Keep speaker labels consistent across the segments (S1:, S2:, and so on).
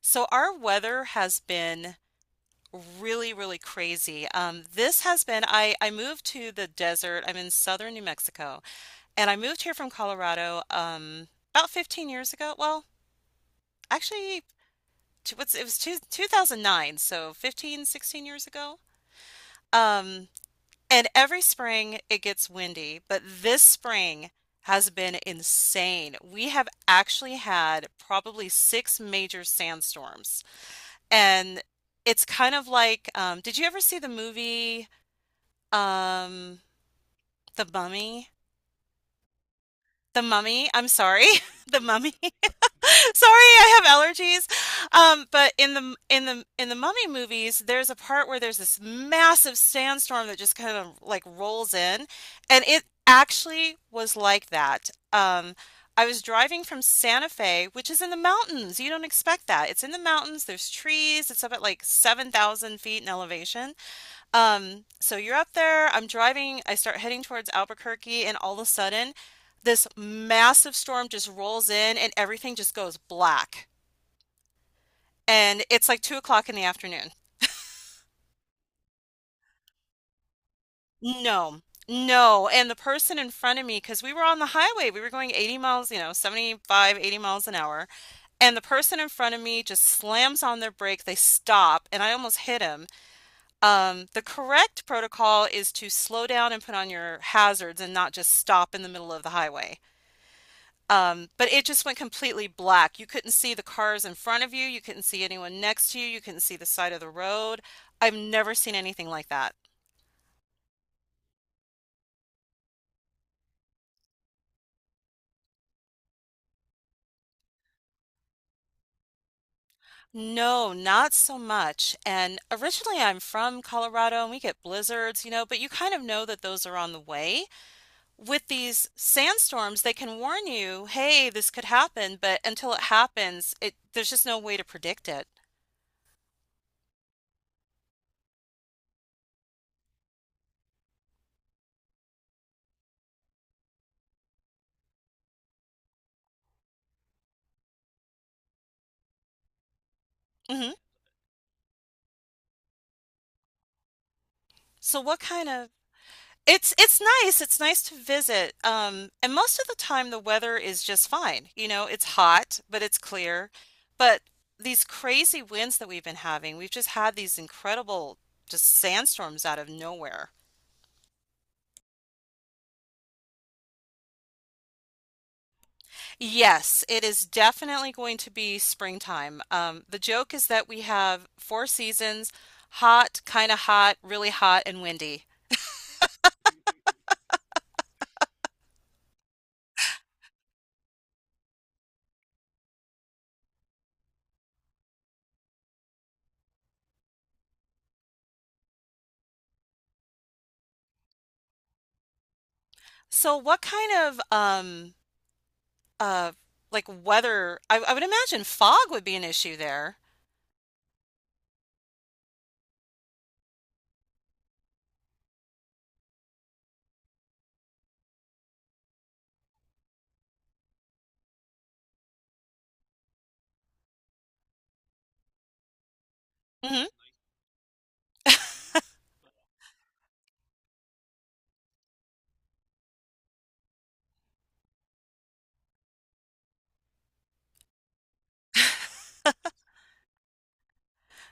S1: So our weather has been really, really crazy. This has been, I moved to the desert. I'm in southern New Mexico, and I moved here from Colorado about 15 years ago. Well, actually, what's it was 2009, so 15, 16 years ago. Um, and every spring it gets windy, but this spring has been insane. We have actually had probably six major sandstorms. And it's kind of like, did you ever see the movie, um, The Mummy? The Mummy, I'm sorry. The Mummy. Sorry, I have allergies. But in the in the Mummy movies, there's a part where there's this massive sandstorm that just kind of like rolls in, and it actually was like that. I was driving from Santa Fe, which is in the mountains. You don't expect that. It's in the mountains. There's trees. It's up at like 7,000 feet in elevation. So you're out there, I'm driving, I start heading towards Albuquerque, and all of a sudden, this massive storm just rolls in and everything just goes black. And it's like 2 o'clock in the afternoon. No, no. And the person in front of me, because we were on the highway, we were going 80 miles, 75, 80 miles an hour. And the person in front of me just slams on their brake. They stop, and I almost hit him. The correct protocol is to slow down and put on your hazards and not just stop in the middle of the highway. But it just went completely black. You couldn't see the cars in front of you. You couldn't see anyone next to you. You couldn't see the side of the road. I've never seen anything like that. No, not so much. And originally I'm from Colorado and we get blizzards, but you kind of know that those are on the way. With these sandstorms, they can warn you, hey, this could happen, but until it happens, it there's just no way to predict it. Hmm. So what kind of It's nice. It's nice to visit. And most of the time the weather is just fine. You know, it's hot, but it's clear. But these crazy winds that we've been having, we've just had these incredible just sandstorms out of nowhere. Yes, it is definitely going to be springtime. The joke is that we have four seasons, hot, kind of hot, really hot, and windy. So what kind of uh like weather? I would imagine fog would be an issue there. Hmm.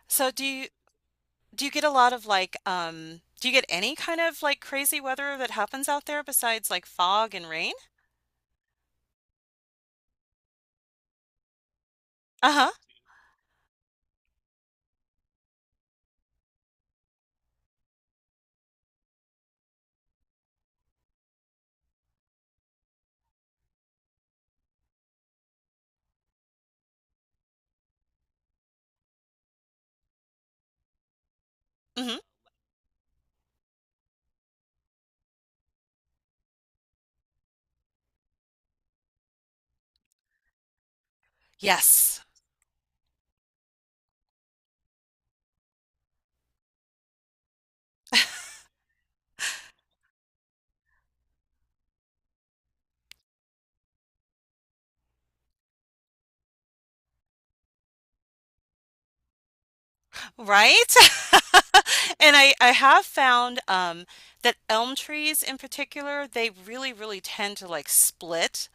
S1: So, do you get any kind of like crazy weather that happens out there besides like fog and rain? Uh-huh. Hmm. Yes. Right? And I have found that elm trees in particular, they really, really tend to like split.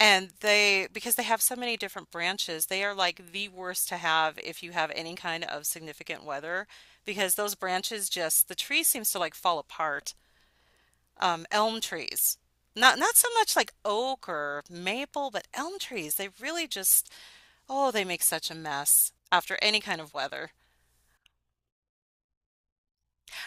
S1: And they, because they have so many different branches, they are like the worst to have if you have any kind of significant weather, because those branches just, the tree seems to like fall apart. Elm trees. Not so much like oak or maple, but elm trees, they really just, oh, they make such a mess after any kind of weather.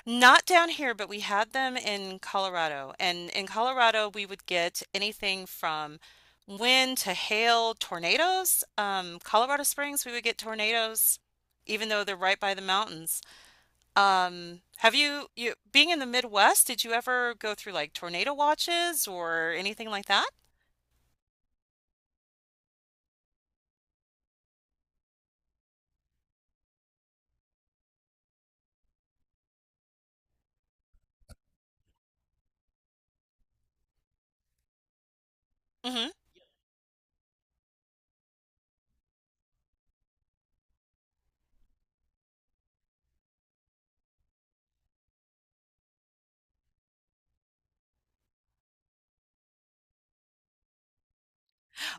S1: Not down here, but we had them in Colorado. And in Colorado, we would get anything from wind to hail, tornadoes. Colorado Springs, we would get tornadoes, even though they're right by the mountains. Being in the Midwest, did you ever go through like tornado watches or anything like that? Hmm.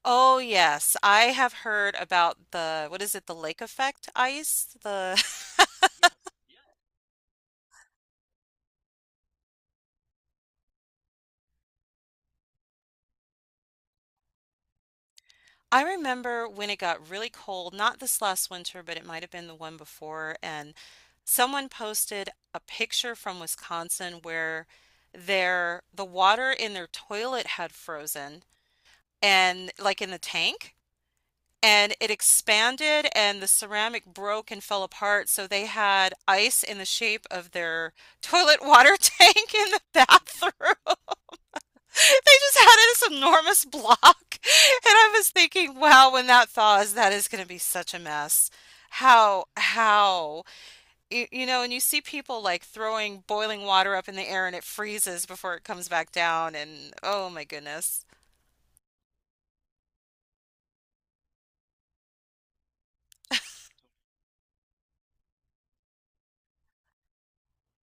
S1: Oh, yes. I have heard about the, what is it, the lake effect ice? The. I remember when it got really cold, not this last winter, but it might have been the one before, and someone posted a picture from Wisconsin where the water in their toilet had frozen and like in the tank and it expanded and the ceramic broke and fell apart, so they had ice in the shape of their toilet water tank in the bathroom. They just had this enormous block. And I was thinking, wow, when that thaws, that is going to be such a mess. How, you, you know, and you see people like throwing boiling water up in the air and it freezes before it comes back down. And oh my goodness.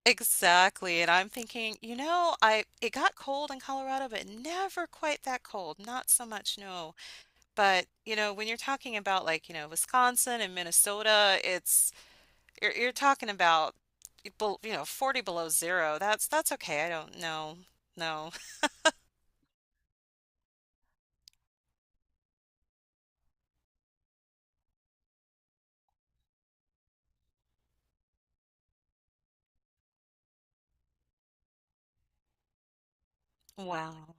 S1: Exactly. And I'm thinking, you know, I it got cold in Colorado, but never quite that cold. Not so much, no. But, when you're talking about like, Wisconsin and Minnesota. It's You're you're talking about 40 below zero. That's okay. I don't know. No. Wow.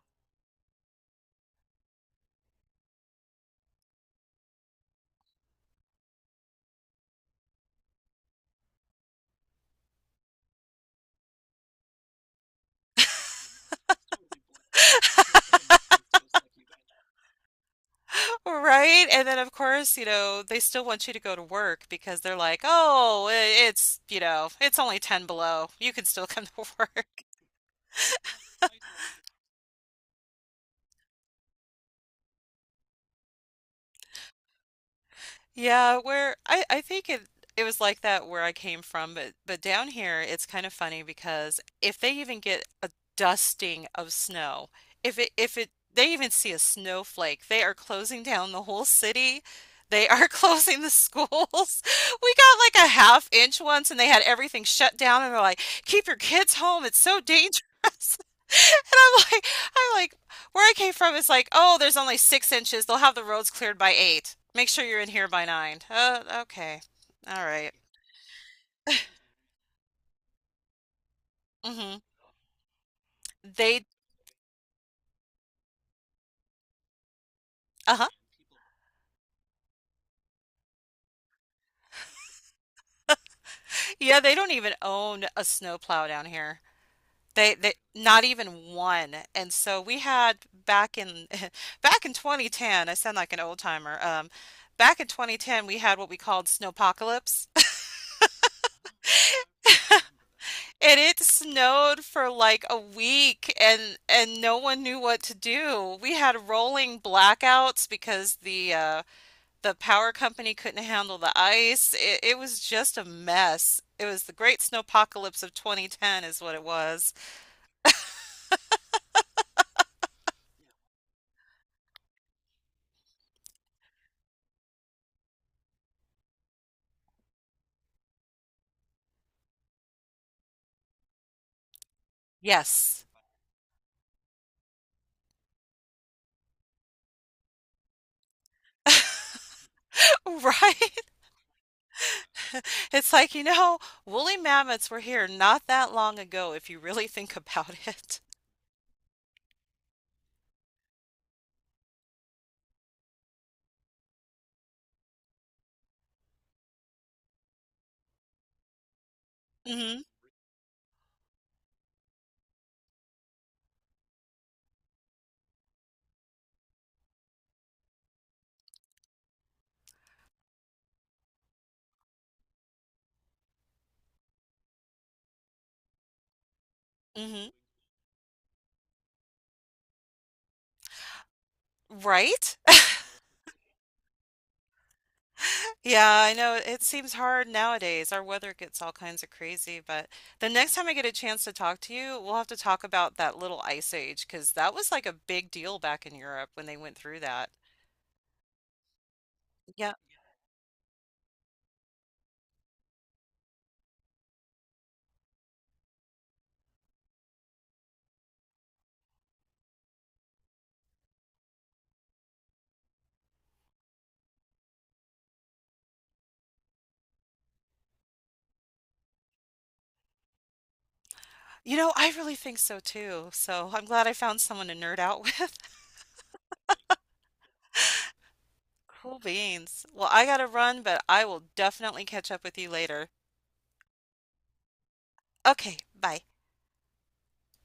S1: Right? And then of course, they still want you to go to work because they're like, "Oh, it's only 10 below. You can still come to work." Yeah, where I think it was like that where I came from, but down here it's kind of funny because if they even get a dusting of snow, if it they even see a snowflake, they are closing down the whole city. They are closing the schools. We got like a half inch once and they had everything shut down and they're like, "Keep your kids home. It's so dangerous." And I'm like, I'm like, where I came from is like, oh, there's only 6 inches. They'll have the roads cleared by eight. Make sure you're in here by nine. Okay. All right. Mm-hmm. They, uh-huh. Yeah, they don't even own a snowplow down here. They, not even one. And so we had back in, back in 2010, I sound like an old timer. Back in 2010, we had what we called snowpocalypse. And it snowed for like a week and no one knew what to do. We had rolling blackouts because the power company couldn't handle the ice. It was just a mess. It was the great snowpocalypse of 2010 is what it was. Yes. Right? It's like, woolly mammoths were here not that long ago if you really think about it. Hmm. Hmm. Right? Yeah, I know it seems hard nowadays. Our weather gets all kinds of crazy, but the next time I get a chance to talk to you, we'll have to talk about that little ice age because that was like a big deal back in Europe when they went through that. Yeah, I really think so too. So I'm glad I found someone to nerd out with. Cool beans. Well, I gotta run, but I will definitely catch up with you later. Okay, bye.